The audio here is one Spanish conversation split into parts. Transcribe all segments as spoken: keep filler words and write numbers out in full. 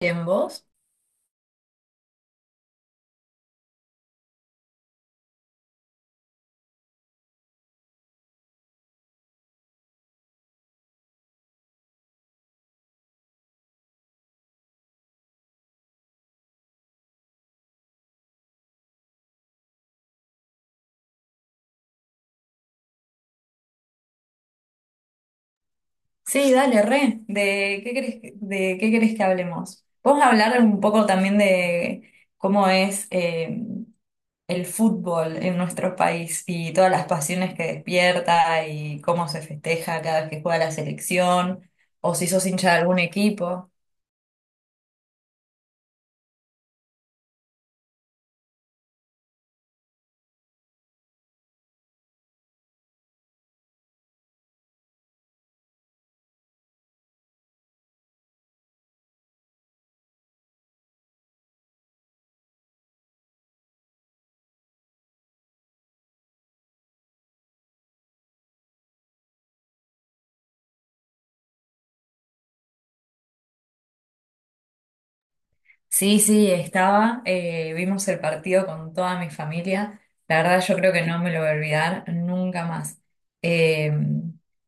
Bien, vos. Sí, dale, re. ¿De qué querés, que- de qué querés que hablemos? Vamos a hablar un poco también de cómo es eh, el fútbol en nuestro país y todas las pasiones que despierta y cómo se festeja cada vez que juega la selección o si sos hincha de algún equipo. Sí, sí, estaba. Eh, vimos el partido con toda mi familia. La verdad, yo creo que no me lo voy a olvidar nunca más. Eh,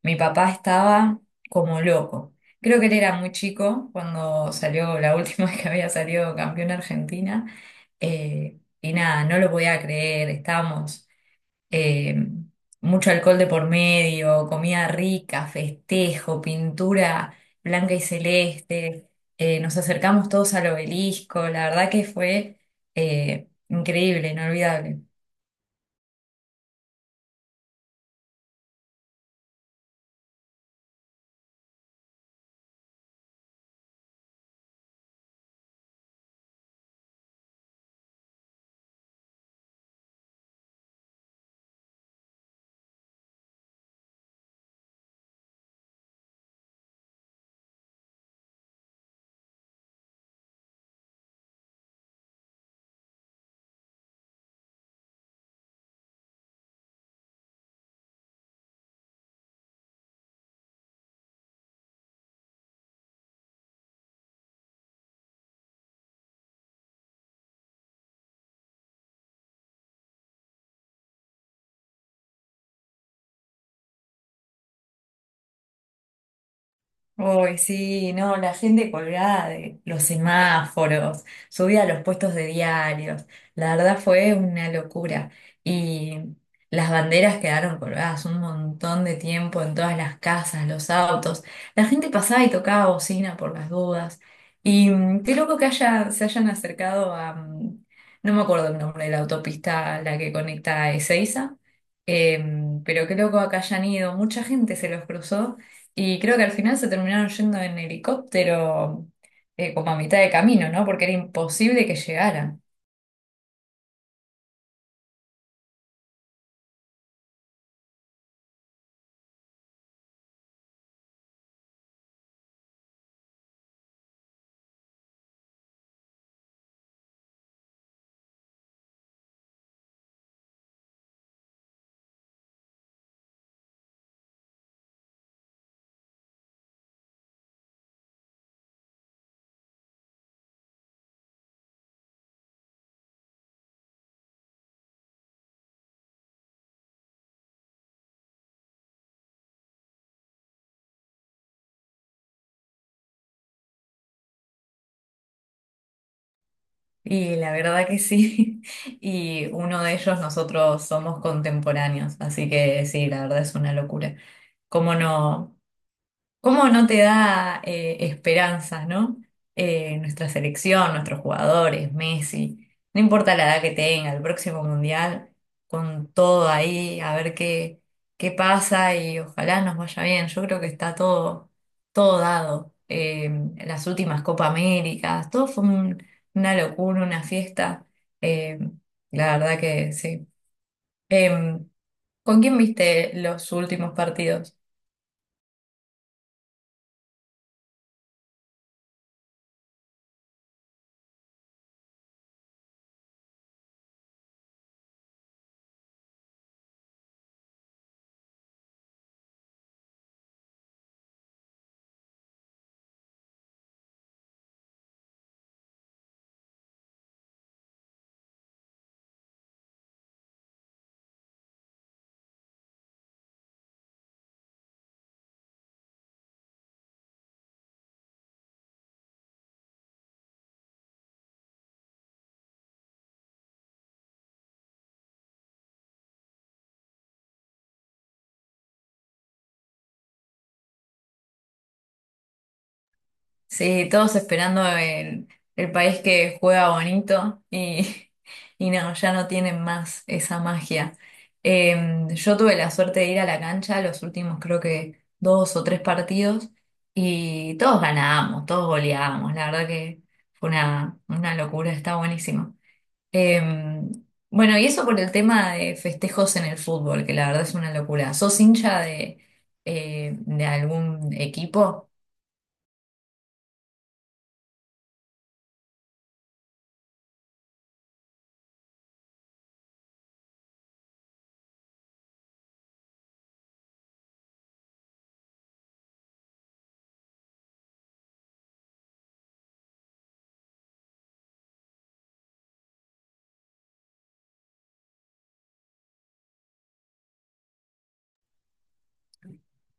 Mi papá estaba como loco. Creo que él era muy chico cuando salió la última vez que había salido campeón Argentina. Eh, y nada, no lo podía creer. Estábamos, eh, mucho alcohol de por medio, comida rica, festejo, pintura blanca y celeste. Eh, nos acercamos todos al obelisco, la verdad que fue eh, increíble, inolvidable. Uy, sí, no, la gente colgada de los semáforos, subida a los puestos de diarios, la verdad fue una locura. Y las banderas quedaron colgadas un montón de tiempo en todas las casas, los autos. La gente pasaba y tocaba bocina por las dudas. Y mm, qué loco que haya, se hayan acercado a, mm, no me acuerdo el nombre de la autopista, la que conecta a Ezeiza. Em, pero qué loco acá hayan ido, mucha gente se los cruzó. Y creo que al final se terminaron yendo en helicóptero eh, como a mitad de camino, ¿no? Porque era imposible que llegaran. Y la verdad que sí. Y uno de ellos nosotros somos contemporáneos, así que sí, la verdad es una locura. ¿Cómo no? ¿Cómo no te da eh, esperanza, ¿no? Eh, nuestra selección, nuestros jugadores, Messi, no importa la edad que tenga, el próximo mundial, con todo ahí, a ver qué, qué pasa y ojalá nos vaya bien. Yo creo que está todo, todo dado. Eh, las últimas Copa Américas, todo fue un- una locura, una fiesta. Eh, la verdad que sí. Em, ¿Con quién viste los últimos partidos? Sí, todos esperando el, el país que juega bonito y, y no, ya no tienen más esa magia. Eh, yo tuve la suerte de ir a la cancha los últimos creo que dos o tres partidos y todos ganábamos, todos goleábamos. La verdad que fue una, una locura, está buenísimo. Eh, bueno, y eso por el tema de festejos en el fútbol, que la verdad es una locura. ¿Sos hincha de, eh, de algún equipo?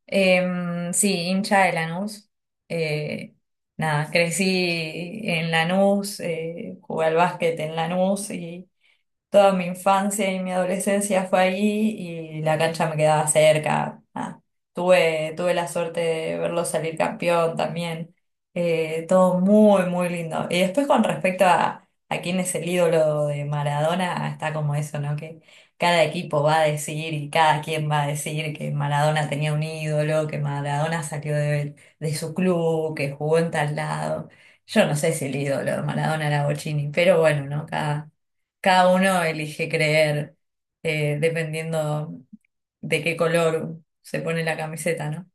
Em, sí, hincha de Lanús. Eh, Nada, crecí en Lanús, eh, jugué al básquet en Lanús y, toda mi infancia y mi adolescencia fue allí y la cancha me quedaba cerca. Ah, tuve, tuve la suerte de verlo salir campeón también. Eh, todo muy, muy lindo. Y después con respecto a, a quién es el ídolo de Maradona, está como eso, ¿no? Que cada equipo va a decir y cada quien va a decir que Maradona tenía un ídolo, que Maradona salió de, de su club, que jugó en tal lado. Yo no sé si el ídolo de Maradona era Bochini, pero bueno, ¿no? Cada, cada uno elige creer eh, dependiendo de qué color se pone la camiseta, ¿no?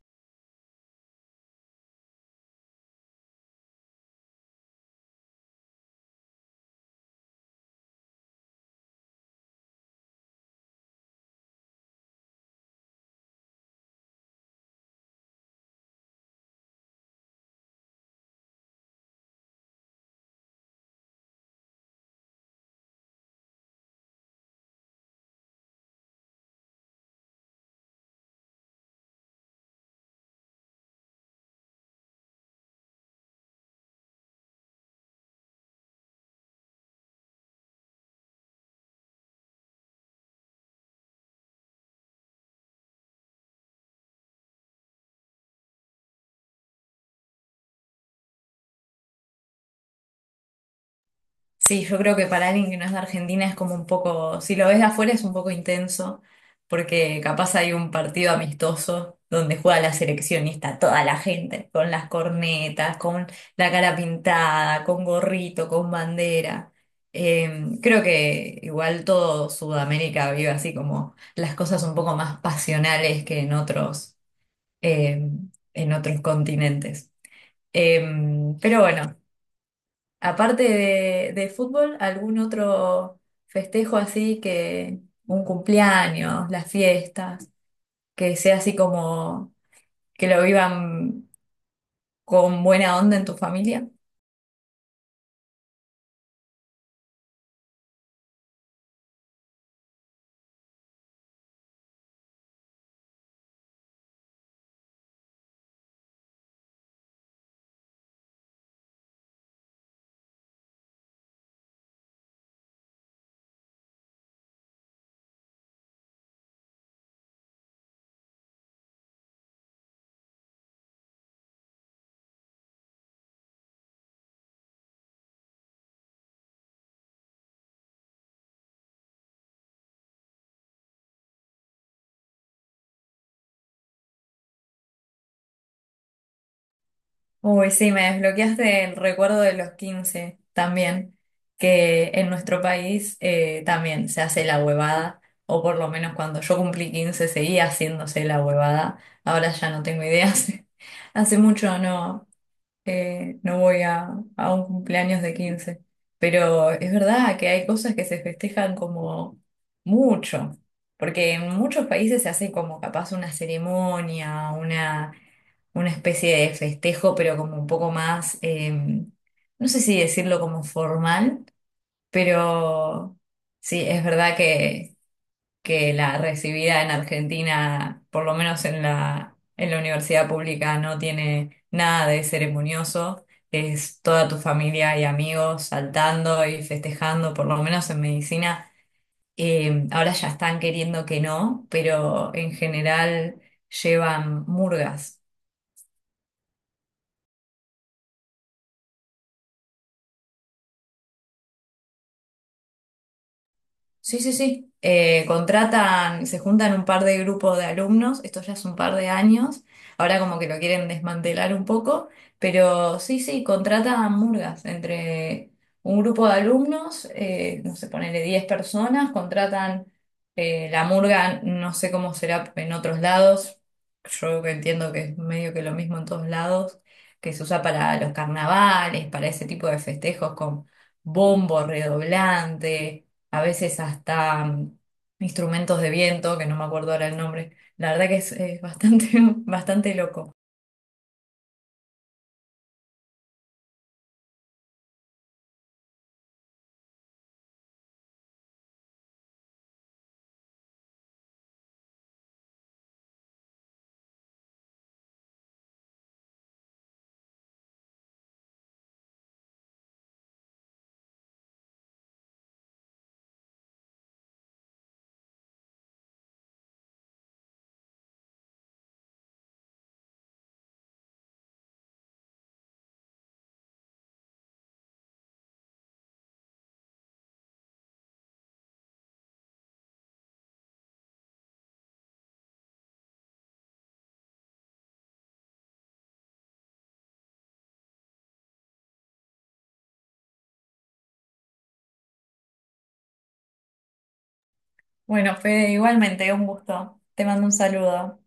Sí, yo creo que para alguien que no es de Argentina es como un poco, si lo ves de afuera es un poco intenso, porque capaz hay un partido amistoso donde juega la selección y está toda la gente, con las cornetas, con la cara pintada, con gorrito, con bandera. Em, creo que igual todo Sudamérica vive así como las cosas un poco más pasionales que en otros eh, en otros continentes. Eh, pero bueno, aparte de, de fútbol, ¿algún otro festejo así que un cumpleaños, las fiestas, que sea así como que lo vivan con buena onda en tu familia? Uy, sí, me desbloqueaste el recuerdo de los quince también, que en nuestro país eh, también se hace la huevada, o por lo menos cuando yo cumplí quince seguía haciéndose la huevada, ahora ya no tengo ideas, hace mucho no, eh, no voy a, a un cumpleaños de quince. Pero es verdad que hay cosas que se festejan como mucho, porque en muchos países se hace como capaz una ceremonia, una, una especie de festejo, pero como un poco más, em, no sé si decirlo como formal, pero sí, es verdad que que la recibida en Argentina, por lo menos en la, en la universidad pública, no tiene nada de ceremonioso. Es toda tu familia y amigos saltando y festejando, por lo menos en medicina. Eh, ahora ya están queriendo que no, pero en general llevan murgas. Sí, sí, sí. Eh, contratan, se juntan un par de grupos de alumnos, esto ya es un par de años, ahora como que lo quieren desmantelar un poco, pero sí, sí, contratan murgas entre un grupo de alumnos, eh, no sé, ponele diez personas, contratan eh, la murga, no sé cómo será en otros lados, yo entiendo que es medio que lo mismo en todos lados, que se usa para los carnavales, para ese tipo de festejos con bombo redoblante a veces hasta mm, instrumentos de viento, que no me acuerdo ahora el nombre. La verdad que es, es bastante, bastante loco. Bueno, Fede, igualmente, un gusto. Te mando un saludo.